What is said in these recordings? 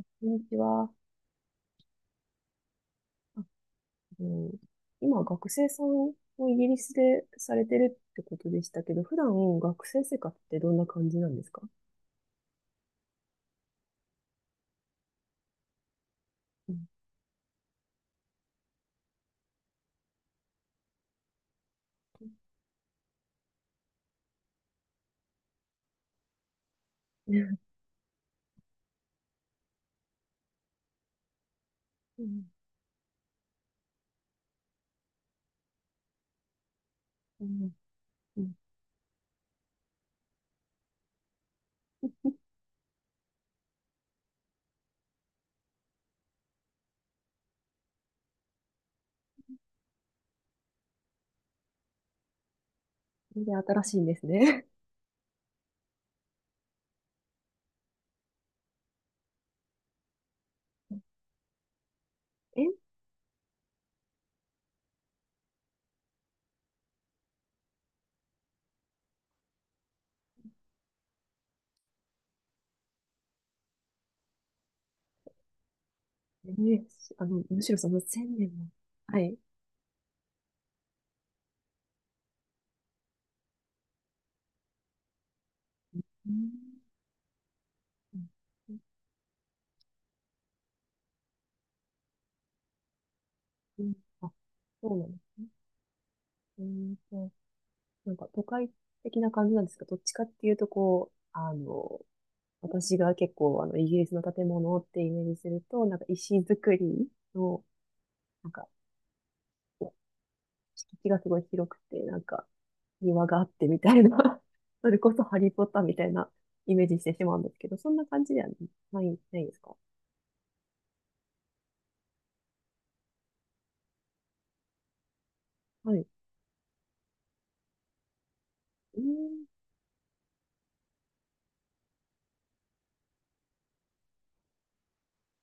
こんにちは。あの今、学生さんをイギリスでされてるってことでしたけど、普段学生生活ってどんな感じなんですか？うん。うん。うん。うんうん全然新しいんですね。え、ね、むしろその1000年も。はい。うん。うんうんあ、そうなんですね。うーんと、なんか都会的な感じなんですか？どっちかっていうと、こう、私が結構、イギリスの建物ってイメージすると、なんか石造りの、なんか、敷地がすごい広くて、なんか、庭があってみたいな、それこそハリーポッターみたいなイメージしてしまうんですけど、そんな感じではない、ないですか？はい。うーん、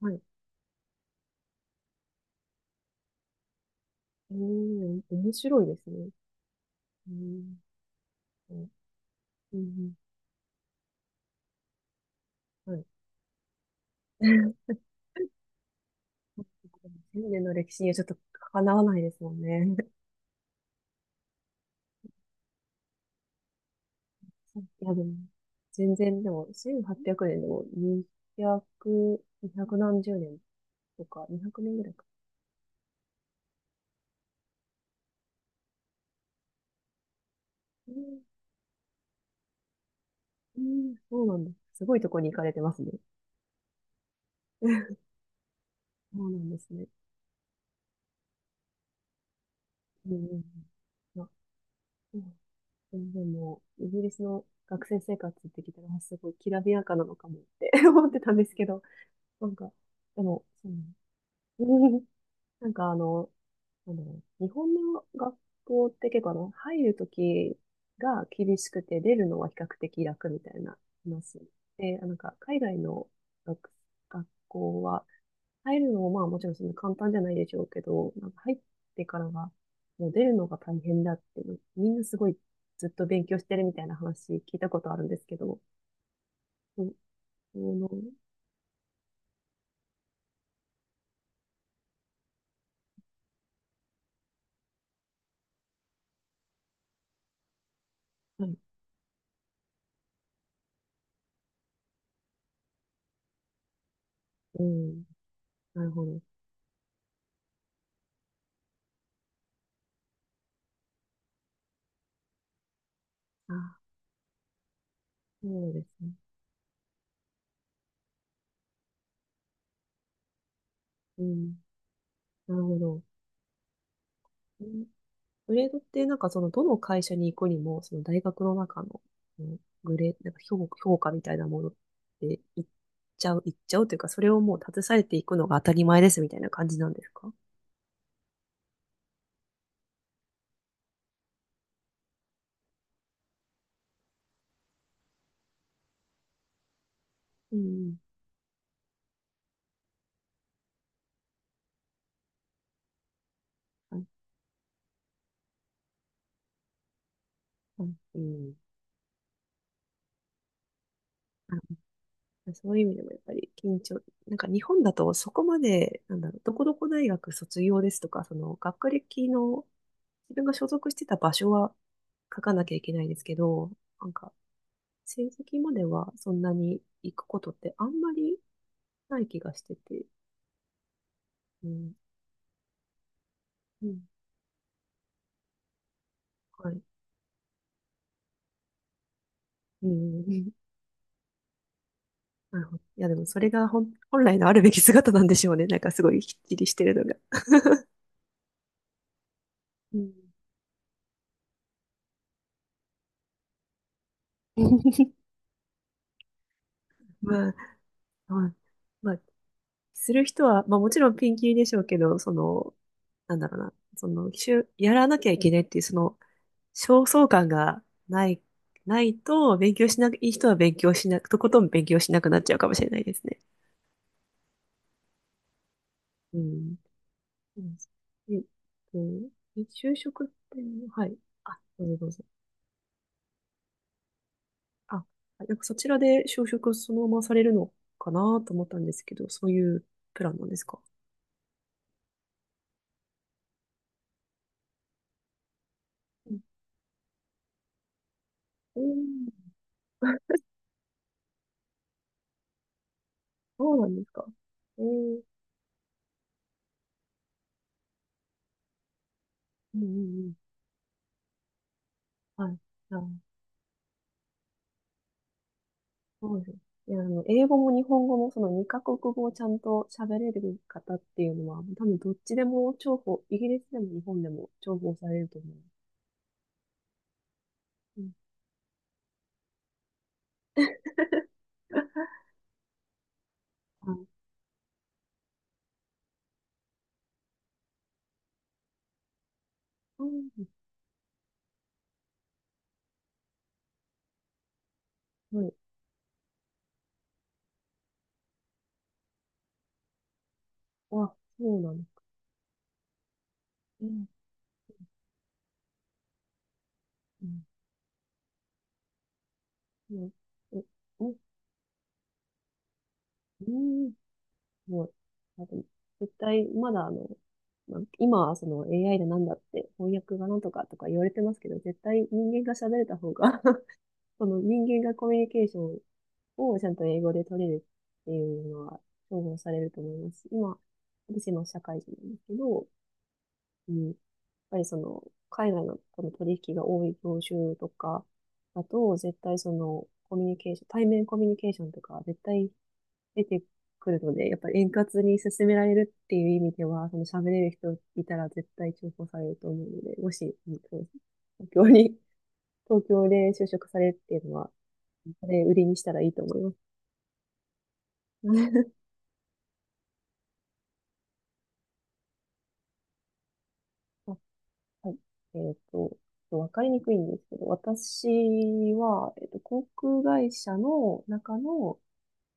はい。うーん、面白いですね。うーん、うん、うんはい。千年の歴史にはちょっとかなわないですもんね。いや、でも、全然、でも、1800年でも、200、2何十年とか、200年ぐらいか。うん、うんそうなんです。すごいとこに行かれてますね。そうなんですね。うんうんうん。まあ、うん全然もう、イギリスの学生生活って聞いたら、あすごいきらびやかなのかもって 思ってたんですけど、なんか、でも、そうね。 なんか日本の学校って結構入るときが厳しくて、出るのは比較的楽みたいな話。で、あなんか、海外の学、学校は、入るのもまあもちろんそんな簡単じゃないでしょうけど、なんか入ってからは、もう出るのが大変だって、みんなすごいずっと勉強してるみたいな話聞いたことあるんですけど、うん、その、はい、うん、なるほど。あ、そうですね。うん、なるほど。グレードってなんかそのどの会社に行くにも、その大学の中の、うんグレー、なんか評価みたいなものって行っちゃうというか、それをもう携えていくのが当たり前ですみたいな感じなんですか？うんうん。はいはいうん。あ、そういう意味でもやっぱり緊張、なんか日本だとそこまで、なんだろう、どこどこ大学卒業ですとか、その学歴の自分が所属してた場所は書かなきゃいけないですけど、なんか成績まではそんなに行くことってあんまりない気がしてて。うん。うん。はい。うん。なるほど。いや、でもそれが本来のあるべき姿なんでしょうね。なんかすごいきっちりしてるのが。うん。まあ、まあ、まあ、する人は、まあもちろんピンキリでしょうけど、その、なんだろうな、その、やらなきゃいけないっていう、その、焦燥感がないと、勉強しなく、いい人は勉強しなく、とことん勉強しなくなっちゃうかもしれないですね。うん。うんえっと、え、就職って、はい。あ、どうぞどうぞ。あ、は、なんかそちらで就職をそのままされるのかなと思ったんですけど、そういうプランなんですか？うん、うんそうなんですか？えー、うんうんうん。はい。あ、そうですね。いや、あの、英語も日本語もその2カ国語をちゃんと喋れる方っていうのは、多分どっちでも重宝、イギリスでも日本でも重宝されると思う。うん。あ、そうですねはい。あ、そうなんですか。うん。うんえ、うんうんもう、あと、絶対、まだまあ、今はその AI でなんだって、翻訳がなんとかとか言われてますけど、絶対人間が喋れた方が その人間がコミュニケーションをちゃんと英語で取れるっていうのは重宝されると思いますし。今、私今社会人なんですけど、うん、やっぱりその、海外のこの取引が多い業種とかだと、絶対その、コミュニケーション、対面コミュニケーションとか、絶対出てくるので、やっぱり円滑に進められるっていう意味では、その喋れる人いたら絶対重宝されると思うので、もし、うんそう、東京に、東京で就職されるっていうのは、それ売りにしたらいいと思います。あはい。えっと、わかりにくいんですけど、私は、航空会社の中の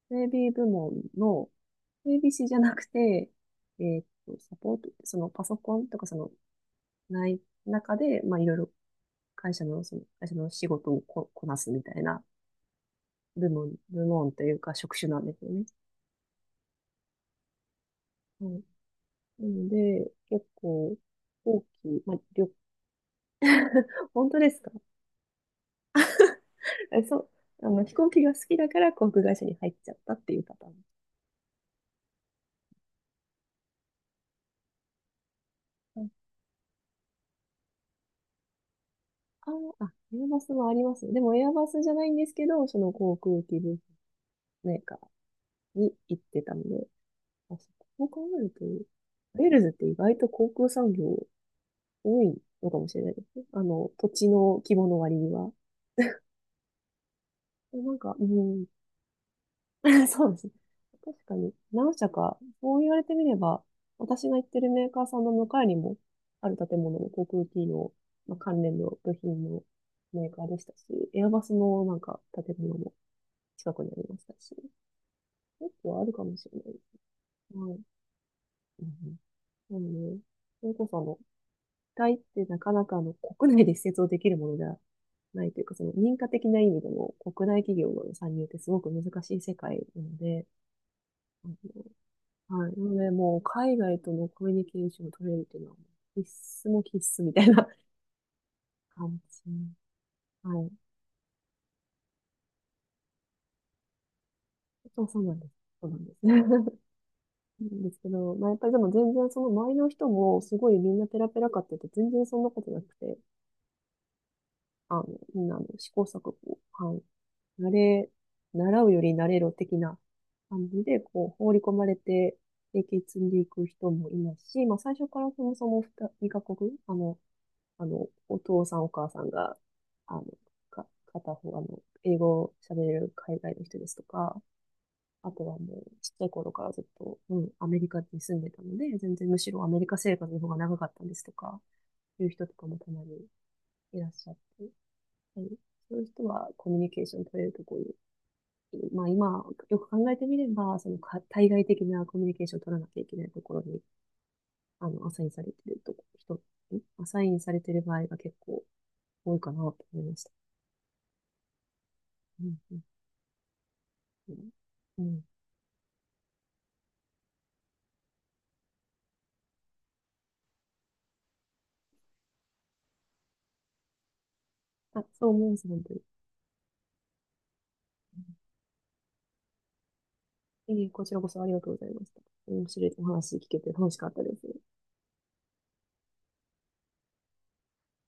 整備部門の整備士じゃなくて、サポート、そのパソコンとかその、ない中で、まあ、いろいろ会社の仕事をこなすみたいな部門というか職種なんですよね。はい。なので、結構、大きい、まあ、旅、本当ですか？え、そう、あの、飛行機が好きだから航空会社に入っちゃったっていうパターン。うんあー、あ、エアバスもありますね。でもエアバスじゃないんですけど、その航空機部メーカーに行ってたので、あ、そ、こう考えると、ウェールズって意外と航空産業多いのかもしれないですね。あの、土地の規模の割には。なんか、うん、そうですね。確かに、何社か、そう言われてみれば、私が行ってるメーカーさんの向かいにも、ある建物の航空機の、まあ、関連の部品のメーカーでしたし、エアバスのなんか建物も近くにありましたし、結構あるかもしれないです。はい。うんうんなので、それこそあの、機体ってなかなかあの、国内で施設をできるものではないというか、その認可的な意味でも国内企業の参入ってすごく難しい世界なので、はい。なので、もう海外とのコミュニケーションを取れるっていうのは、必須も必須みたいな 感じ。はい。そうそうなんです。そうなんです。なんですけど、まあ、やっぱりでも全然その周りの人もすごいみんなペラペラかって言うと全然そんなことなくて、あの、みんなあの試行錯誤、はい。慣れ、習うより慣れろ的な感じで、こう、放り込まれて、経験積んでいく人もいますし、まあ、最初からそもそも2、2カ国、お父さんお母さんが、あの、か、片方、英語を喋れる海外の人ですとか、あとはもう、ちっちゃい頃からずっと、うん、アメリカに住んでたので、全然むしろアメリカ生活の方が長かったんですとか、いう人とかもたまにいらっしゃって、はい、そういう人はコミュニケーション取れるところに、まあ今、よく考えてみれば、その対外的なコミュニケーションを取らなきゃいけないところに、アサインされてるとこ、アサインされてる場合が結構多いかなと思いました。うんうんうんうんあ、そう思います、本当に。ええ、こちらこそありがとうございました。面白いお話聞けて楽しかったです。